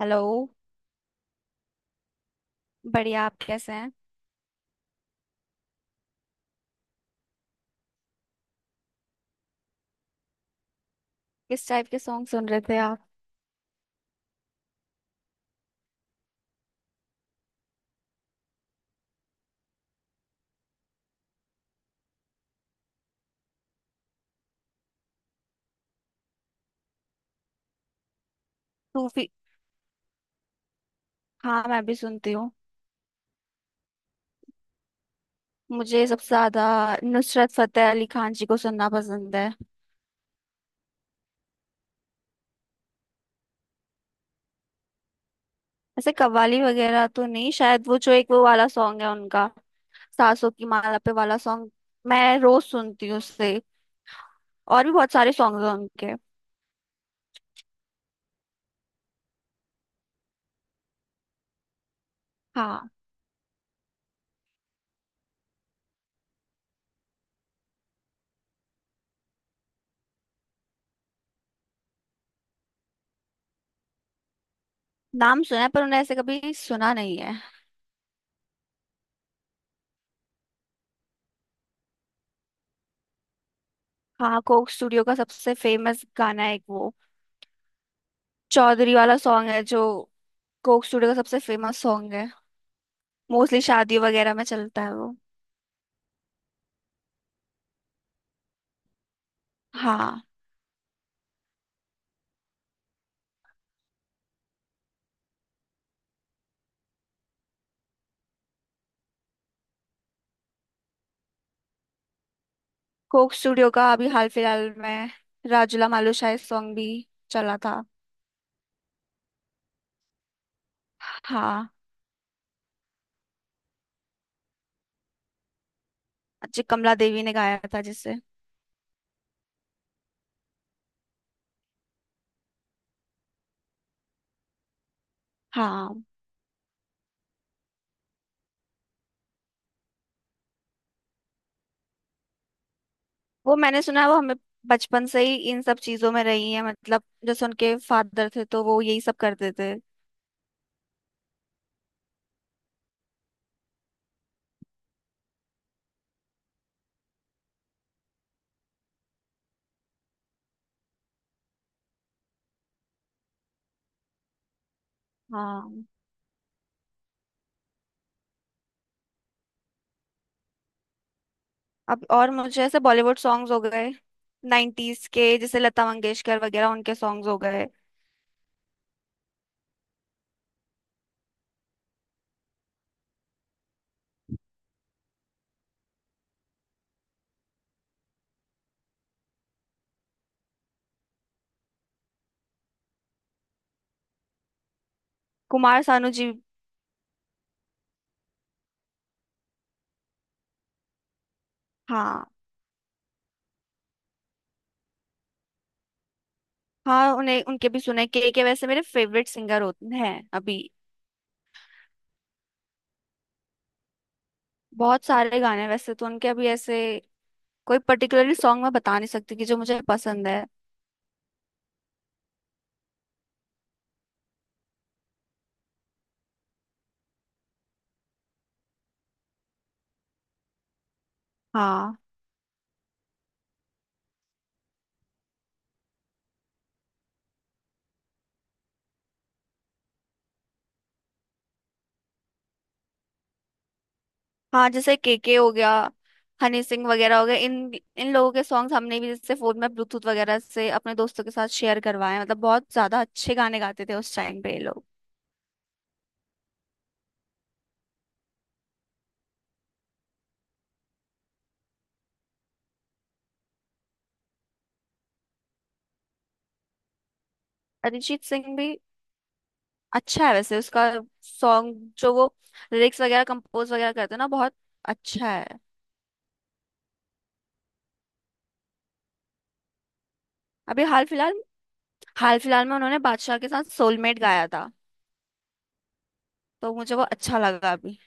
Hello. बढ़िया, आप कैसे हैं? किस टाइप के सॉन्ग सुन रहे थे आप? सूफी। हाँ मैं भी सुनती हूँ। मुझे सबसे ज्यादा नुसरत फतेह अली खान जी को सुनना पसंद है। ऐसे कव्वाली वगैरह तो नहीं, शायद वो जो एक वो वाला सॉन्ग है उनका, सासों की माला पे वाला सॉन्ग। मैं रोज सुनती हूँ उससे। और भी बहुत सारे सॉन्ग हैं उनके। हाँ। नाम सुना है पर उन्हें ऐसे कभी सुना नहीं है। हाँ, कोक स्टूडियो का सबसे फेमस गाना है एक, वो चौधरी वाला सॉन्ग है जो कोक स्टूडियो का सबसे फेमस सॉन्ग है। मोस्टली शादी वगैरह में चलता है वो। हाँ। कोक स्टूडियो का अभी हाल फिलहाल में राजूला मालू शाह सॉन्ग भी चला था। हाँ, जो कमला देवी ने गाया था जिसे। हाँ वो मैंने सुना है। वो हमें बचपन से ही इन सब चीजों में रही है, मतलब जैसे उनके फादर थे तो वो यही सब करते थे। हाँ। अब और मुझे ऐसे बॉलीवुड सॉन्ग्स हो गए, 90s के, जैसे लता मंगेशकर वगैरह, उनके सॉन्ग्स हो गए। कुमार सानू जी। हाँ हाँ, उन्हें उनके भी सुने, के वैसे मेरे फेवरेट सिंगर होते हैं अभी। बहुत सारे गाने हैं वैसे तो उनके, अभी ऐसे कोई पर्टिकुलरली सॉन्ग मैं बता नहीं सकती कि जो मुझे पसंद है। हाँ। हाँ, जैसे के हो गया, हनी सिंह वगैरह हो गए, इन इन लोगों के सॉन्ग्स हमने भी जैसे फोन में ब्लूटूथ वगैरह से अपने दोस्तों के साथ शेयर करवाए, मतलब बहुत ज्यादा अच्छे गाने गाते थे उस टाइम पे ये लोग। अरिजीत सिंह भी अच्छा है, वैसे उसका सॉन्ग जो वो लिरिक्स वगैरह कंपोज वगैरह करते हैं ना, बहुत अच्छा है। अभी हाल फिलहाल में उन्होंने बादशाह के साथ सोलमेट गाया था। तो मुझे वो अच्छा लगा अभी,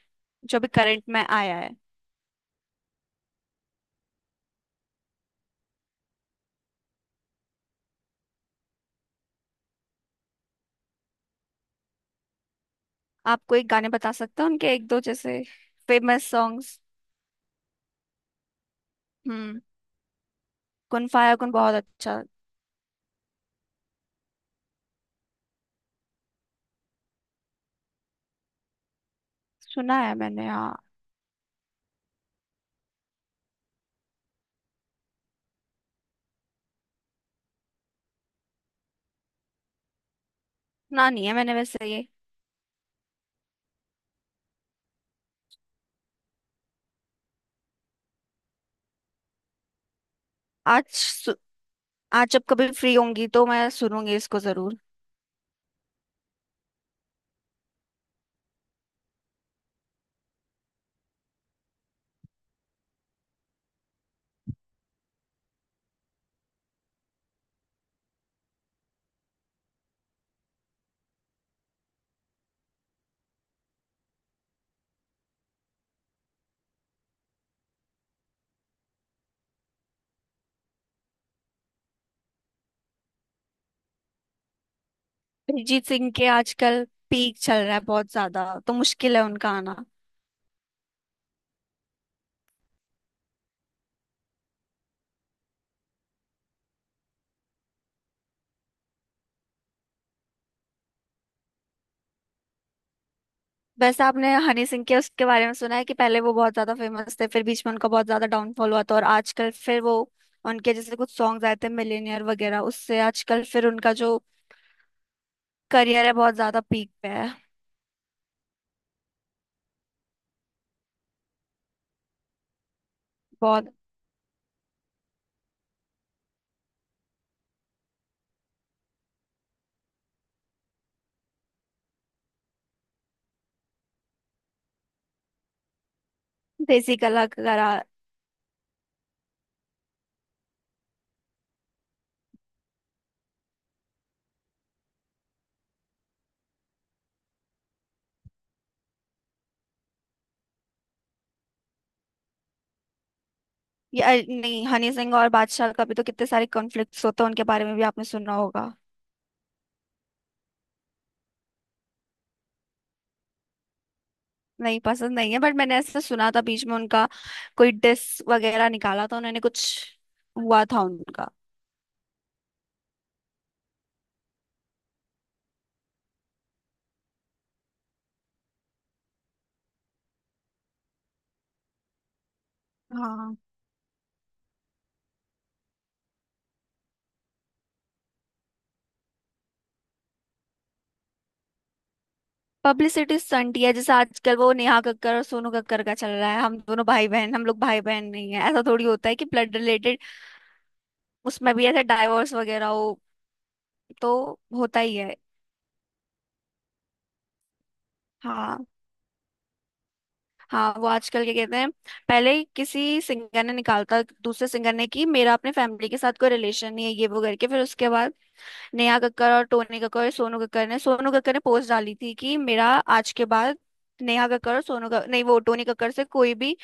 जो भी करंट में आया है। आप कोई गाने बता सकते हो उनके, एक दो जैसे फेमस सॉन्ग्स? हम्म। कुन फाया कुन बहुत अच्छा। सुना है मैंने, हाँ। सुना नहीं है मैंने वैसे ये। आज सु- आज जब कभी फ्री होंगी तो मैं सुनूंगी इसको जरूर। अरिजीत सिंह के आजकल पीक चल रहा है बहुत ज्यादा, तो मुश्किल है उनका आना। बस, आपने हनी सिंह के उसके बारे में सुना है कि पहले वो बहुत ज्यादा फेमस थे, फिर बीच में उनका बहुत ज्यादा डाउनफॉल हुआ था, और आजकल फिर वो, उनके जैसे कुछ सॉन्ग्स आए थे मिलेनियर वगैरह, उससे आजकल फिर उनका जो करियर है बहुत ज्यादा पीक पे है। बहुत। देसी कलाकारा। या नहीं, हनी सिंह और बादशाह का भी तो कितने सारे कॉन्फ्लिक्ट्स होते हैं, उनके बारे में भी आपने सुना होगा। नहीं पसंद नहीं है, बट मैंने ऐसे सुना था बीच में उन्होंने उनका कोई डिस वगैरह निकाला था उन्होंने, कुछ हुआ था उनका। हाँ। पब्लिसिटी स्टंट ही है, जैसे आजकल वो नेहा कक्कर और सोनू कक्कर का चल रहा है, हम दोनों भाई बहन, हम लोग भाई बहन नहीं है, ऐसा थोड़ी होता है कि ब्लड रिलेटेड, उसमें भी ऐसे डाइवोर्स वगैरह हो, तो होता ही है। हाँ। हाँ वो आजकल क्या कहते हैं, पहले किसी सिंगर ने निकालता दूसरे सिंगर ने कि मेरा अपने फैमिली के साथ कोई रिलेशन नहीं है, ये वो करके फिर उसके बाद नेहा कक्कर और टोनी कक्कर और सोनू कक्कर ने, सोनू कक्कर ने पोस्ट डाली थी कि मेरा आज के बाद नेहा कक्कर और सोनू कक्कर नहीं, वो टोनी कक्कर से कोई भी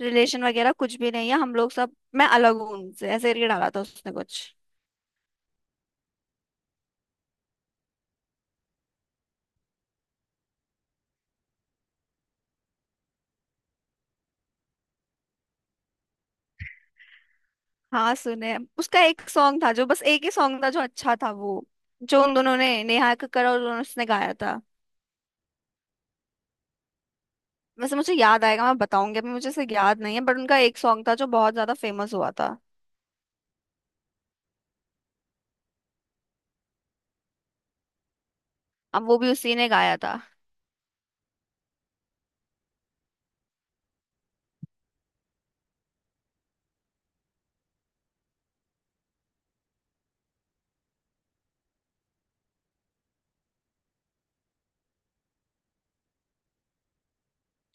रिलेशन वगैरह कुछ भी नहीं है, हम लोग सब, मैं अलग हूँ उनसे, ऐसे करके डाला था उसने कुछ। हाँ सुने, उसका एक सॉन्ग था जो, बस एक ही सॉन्ग था जो अच्छा था वो, जो उन दोनों ने, नेहा कक्कड़ और उसने गाया था। वैसे मुझे याद आएगा मैं बताऊंगी, अभी मुझे इसे याद नहीं है, बट उनका एक सॉन्ग था जो बहुत ज्यादा फेमस हुआ था। अब वो भी उसी ने गाया था।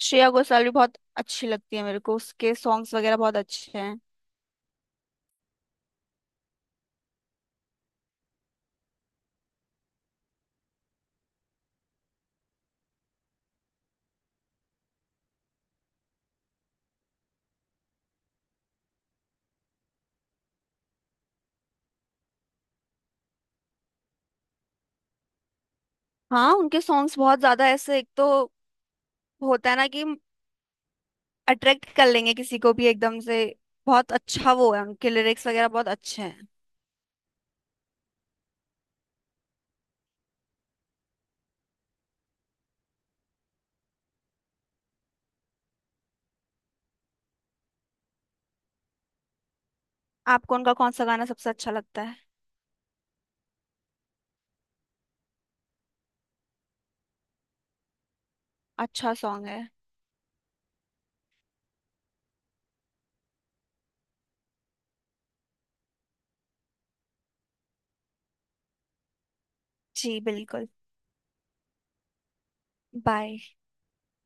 श्रेया घोषाल भी बहुत अच्छी लगती है मेरे को, उसके सॉन्ग्स वगैरह बहुत अच्छे हैं। हाँ उनके सॉन्ग्स बहुत ज्यादा ऐसे, एक तो होता है ना कि अट्रैक्ट कर लेंगे किसी को भी एकदम से, बहुत अच्छा वो है, उनके लिरिक्स वगैरह बहुत अच्छे हैं। आपको उनका कौन सा गाना सबसे अच्छा लगता है? अच्छा सॉन्ग है। जी बिल्कुल। बाय।